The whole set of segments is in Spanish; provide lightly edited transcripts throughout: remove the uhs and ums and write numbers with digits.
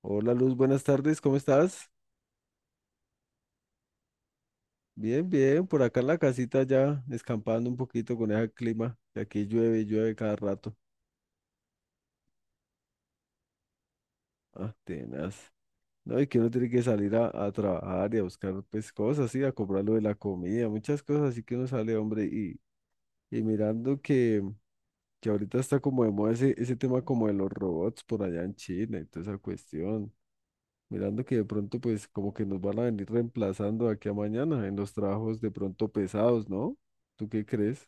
Hola Luz, buenas tardes, ¿cómo estás? Bien, bien, por acá en la casita ya, escampando un poquito con ese clima, que aquí llueve y llueve cada rato. Ah, tenaz. No, y que uno tiene que salir a trabajar y a buscar pues cosas, sí, a comprar lo de la comida, muchas cosas, así que uno sale, hombre, y mirando que ahorita está como de moda ese tema como de los robots por allá en China y toda esa cuestión. Mirando que de pronto pues como que nos van a venir reemplazando de aquí a mañana en los trabajos de pronto pesados, ¿no? ¿Tú qué crees?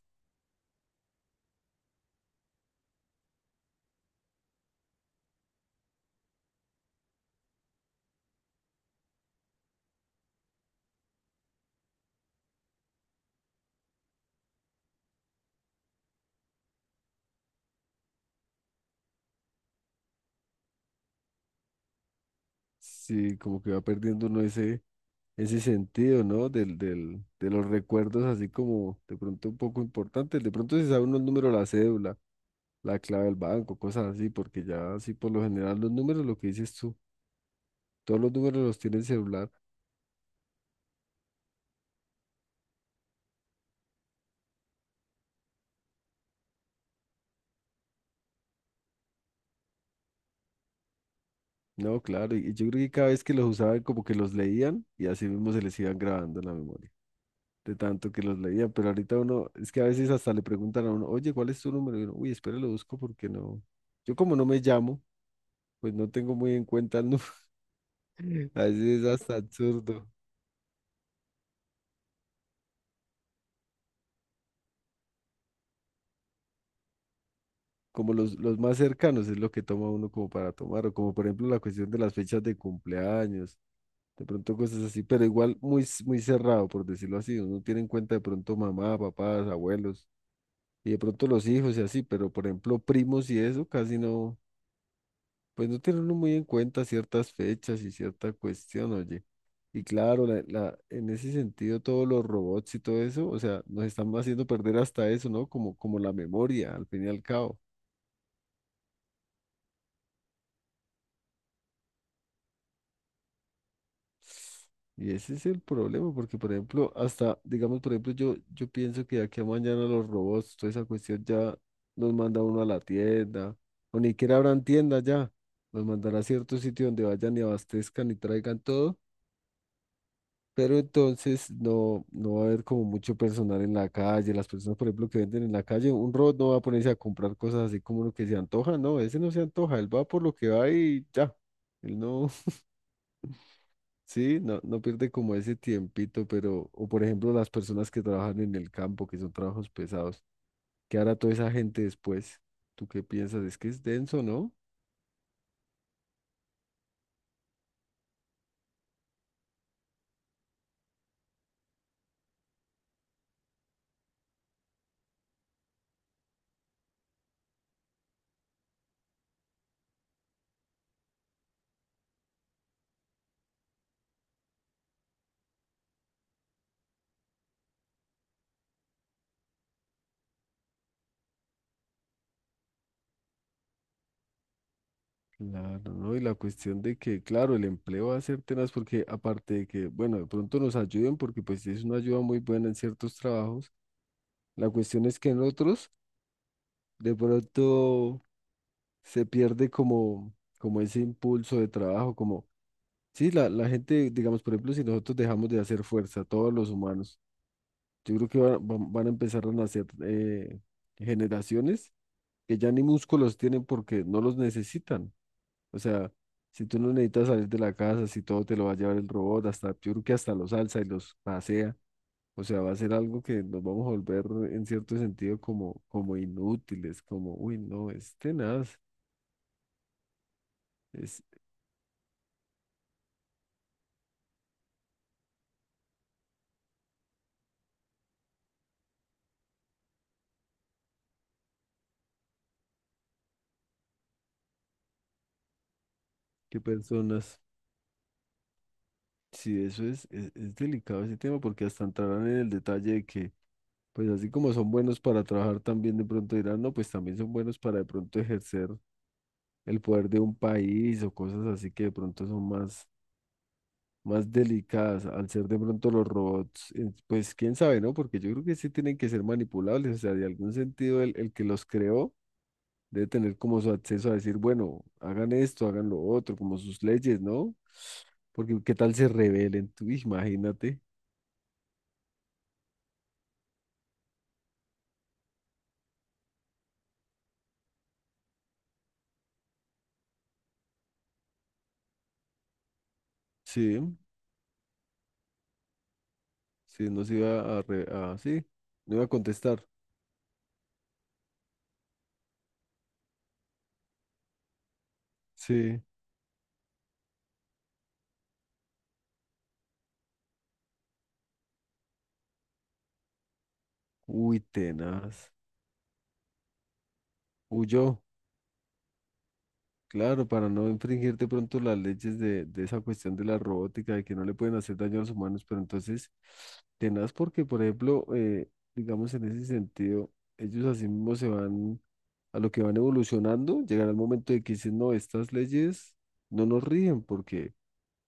Sí, como que va perdiendo uno ese, ese sentido, ¿no? De los recuerdos así como de pronto un poco importantes. De pronto se sabe uno el número de la cédula, la clave del banco, cosas así, porque ya así por lo general los números, lo que dices tú, todos los números los tiene el celular. No, claro, y yo creo que cada vez que los usaban como que los leían y así mismo se les iban grabando en la memoria, de tanto que los leían. Pero ahorita uno, es que a veces hasta le preguntan a uno, oye, ¿cuál es tu número? Y uno, uy, espera, lo busco porque no. Yo como no me llamo, pues no tengo muy en cuenta el número. Así es hasta absurdo. Como los más cercanos es lo que toma uno como para tomar, o como por ejemplo la cuestión de las fechas de cumpleaños, de pronto cosas así, pero igual muy, muy cerrado, por decirlo así. Uno tiene en cuenta de pronto mamá, papás, abuelos, y de pronto los hijos y así, pero por ejemplo primos y eso casi no. Pues no tienen uno muy en cuenta ciertas fechas y cierta cuestión, oye. Y claro, en ese sentido, todos los robots y todo eso, o sea, nos están haciendo perder hasta eso, ¿no? Como la memoria, al fin y al cabo. Y ese es el problema, porque, por ejemplo, hasta, digamos, por ejemplo, yo pienso que de aquí a mañana los robots, toda esa cuestión ya nos manda uno a la tienda, o ni siquiera habrán tienda ya, nos mandará a cierto sitio donde vayan y abastezcan y traigan todo. Pero entonces no, no va a haber como mucho personal en la calle. Las personas, por ejemplo, que venden en la calle, un robot no va a ponerse a comprar cosas así como lo que se antoja. No, ese no se antoja. Él va por lo que va y ya. Él no, sí, no, no pierde como ese tiempito, pero, o por ejemplo, las personas que trabajan en el campo, que son trabajos pesados. ¿Qué hará toda esa gente después? ¿Tú qué piensas? Es que es denso, ¿no? Claro, ¿no? Y la cuestión de que, claro, el empleo va a ser tenaz porque aparte de que, bueno, de pronto nos ayuden porque pues es una ayuda muy buena en ciertos trabajos, la cuestión es que en otros de pronto se pierde como, como ese impulso de trabajo, como, sí, la gente, digamos, por ejemplo, si nosotros dejamos de hacer fuerza, todos los humanos, yo creo que van a empezar a nacer generaciones que ya ni músculos tienen porque no los necesitan. O sea, si tú no necesitas salir de la casa, si todo te lo va a llevar el robot, hasta yo creo que hasta los alza y los pasea. O sea, va a ser algo que nos vamos a volver en cierto sentido como, como inútiles, como, uy, no, es tenaz, es qué personas. Sí, eso es delicado ese tema porque hasta entrarán en el detalle de que, pues así como son buenos para trabajar, también de pronto dirán, no, pues también son buenos para de pronto ejercer el poder de un país o cosas así que de pronto son más delicadas, al ser de pronto los robots, pues quién sabe, ¿no? Porque yo creo que sí tienen que ser manipulables, o sea, de algún sentido el que los creó debe tener como su acceso a decir, bueno, hagan esto, hagan lo otro, como sus leyes, ¿no? Porque qué tal se rebelen, tú imagínate, sí, sí, no se iba a, sí, no iba a contestar, sí, uy, tenaz, huyó. Claro, para no infringir de pronto las leyes de esa cuestión de la robótica, de que no le pueden hacer daño a los humanos, pero entonces, tenaz porque, por ejemplo, digamos en ese sentido, ellos así mismo se van a lo que van evolucionando, llegará el momento de que dicen, no, estas leyes no nos rigen porque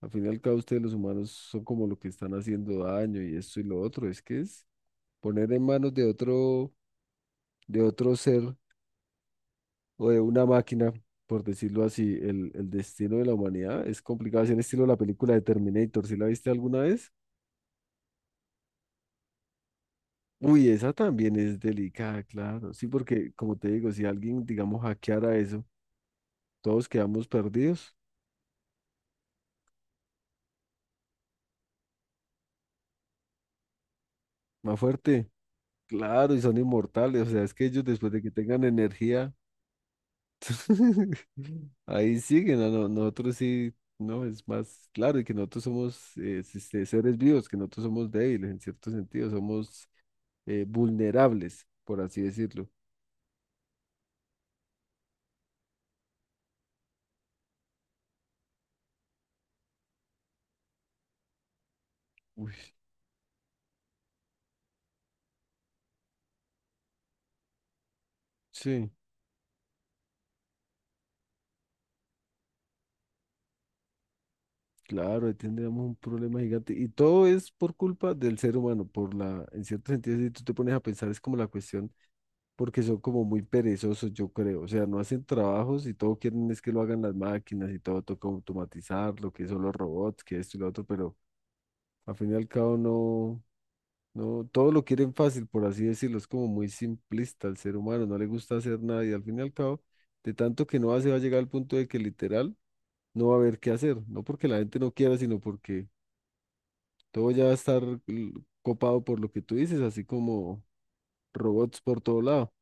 al fin y al cabo ustedes los humanos son como lo que están haciendo daño y esto y lo otro, es que es poner en manos de otro ser o de una máquina, por decirlo así, el destino de la humanidad es complicado. Así en estilo la película de Terminator, ¿si la viste alguna vez? Uy, esa también es delicada, claro. Sí, porque como te digo, si alguien, digamos, hackeara eso, todos quedamos perdidos. Más fuerte. Claro, y son inmortales. O sea, es que ellos después de que tengan energía, ahí siguen. A no- Nosotros sí, no, es más claro. Y que nosotros somos seres vivos, que nosotros somos débiles en cierto sentido. Somos vulnerables, por así decirlo. Uy, sí, claro, ahí tendríamos un problema gigante. Y todo es por culpa del ser humano, por la, en cierto sentido, si tú te pones a pensar, es como la cuestión, porque son como muy perezosos, yo creo. O sea, no hacen trabajos y todo quieren es que lo hagan las máquinas y todo toca automatizarlo, que son los robots, que esto y lo otro, pero al fin y al cabo no. No, todo lo quieren fácil, por así decirlo, es como muy simplista el ser humano, no le gusta hacer nada y al fin y al cabo, de tanto que no hace, va a llegar al punto de que literal no va a haber qué hacer, no porque la gente no quiera, sino porque todo ya va a estar l- copado por lo que tú dices, así como robots por todo lado.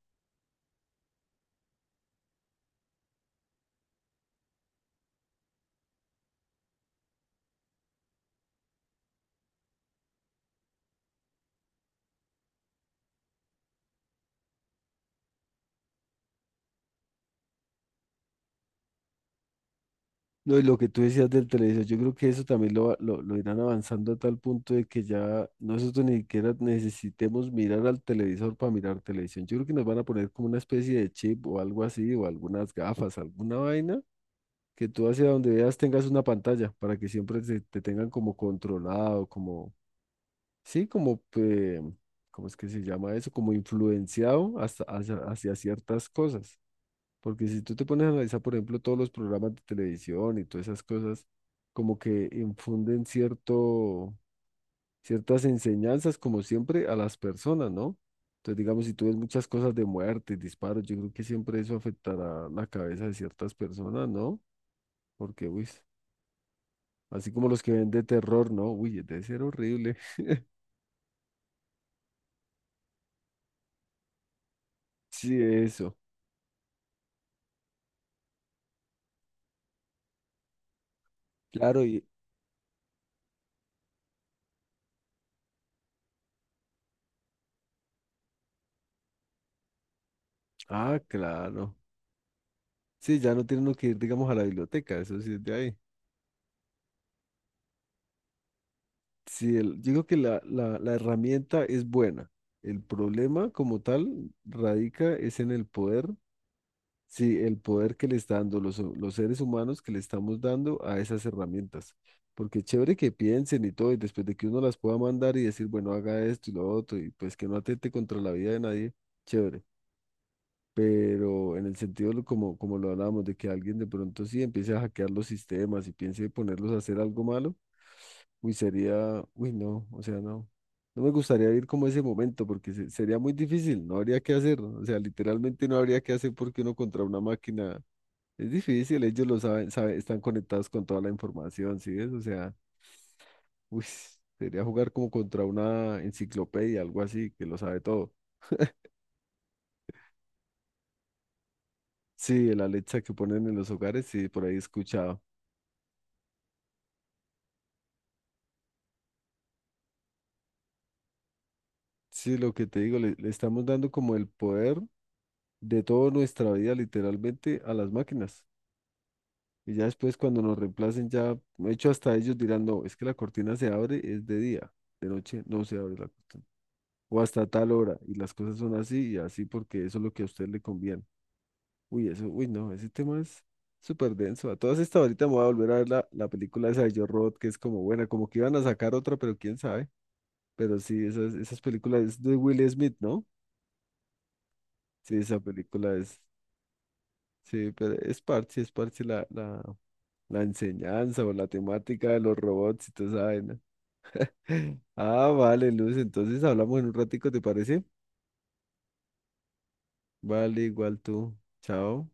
No, y lo que tú decías del televisor, yo creo que eso también lo irán avanzando a tal punto de que ya nosotros ni siquiera necesitemos mirar al televisor para mirar televisión. Yo creo que nos van a poner como una especie de chip o algo así, o algunas gafas, alguna vaina, que tú hacia donde veas tengas una pantalla para que siempre te tengan como controlado, como sí, como, ¿cómo es que se llama eso? Como influenciado hasta, hacia ciertas cosas. Porque si tú te pones a analizar, por ejemplo, todos los programas de televisión y todas esas cosas, como que infunden cierto, ciertas enseñanzas, como siempre, a las personas, ¿no? Entonces, digamos, si tú ves muchas cosas de muerte, disparos, yo creo que siempre eso afectará la cabeza de ciertas personas, ¿no? Porque, uy, así como los que ven de terror, ¿no? Uy, debe ser horrible. Sí, eso. Claro, y, ah, claro. Sí, ya no tiene uno que ir, digamos, a la biblioteca, eso sí es de ahí. Sí, yo creo que la herramienta es buena. El problema como tal radica es en el poder, sí, el poder que le está dando los seres humanos que le estamos dando a esas herramientas. Porque chévere que piensen y todo, y después de que uno las pueda mandar y decir, bueno, haga esto y lo otro, y pues que no atente contra la vida de nadie, chévere. Pero en el sentido como, como lo hablábamos, de que alguien de pronto sí empiece a hackear los sistemas y piense ponerlos a hacer algo malo, uy, sería, uy, no, o sea, no, no me gustaría ir como ese momento porque sería muy difícil, no habría que hacer, o sea, literalmente no habría que hacer porque uno contra una máquina es difícil, ellos lo saben, saben, están conectados con toda la información, ¿sí ves? O sea, uy, sería jugar como contra una enciclopedia, algo así, que lo sabe todo. Sí, el Alexa que ponen en los hogares, sí, por ahí he escuchado. Sí, lo que te digo, le estamos dando como el poder de toda nuestra vida literalmente a las máquinas. Y ya después cuando nos reemplacen, ya, de hecho, hasta ellos dirán, no, es que la cortina se abre, es de día, de noche no se abre la cortina. O hasta tal hora, y las cosas son así y así porque eso es lo que a usted le conviene. Uy, eso, uy, no, ese tema es súper denso. A todas estas ahorita me voy a volver a ver la película esa de Yo Robot, que es como buena, como que iban a sacar otra, pero quién sabe. Pero sí, esas películas es de Will Smith, ¿no? Sí, esa película es... Sí, pero es parte la enseñanza o la temática de los robots y toda esa vaina. Ah, vale, Luz, entonces hablamos en un ratico, ¿te parece? Vale, igual tú. Chao.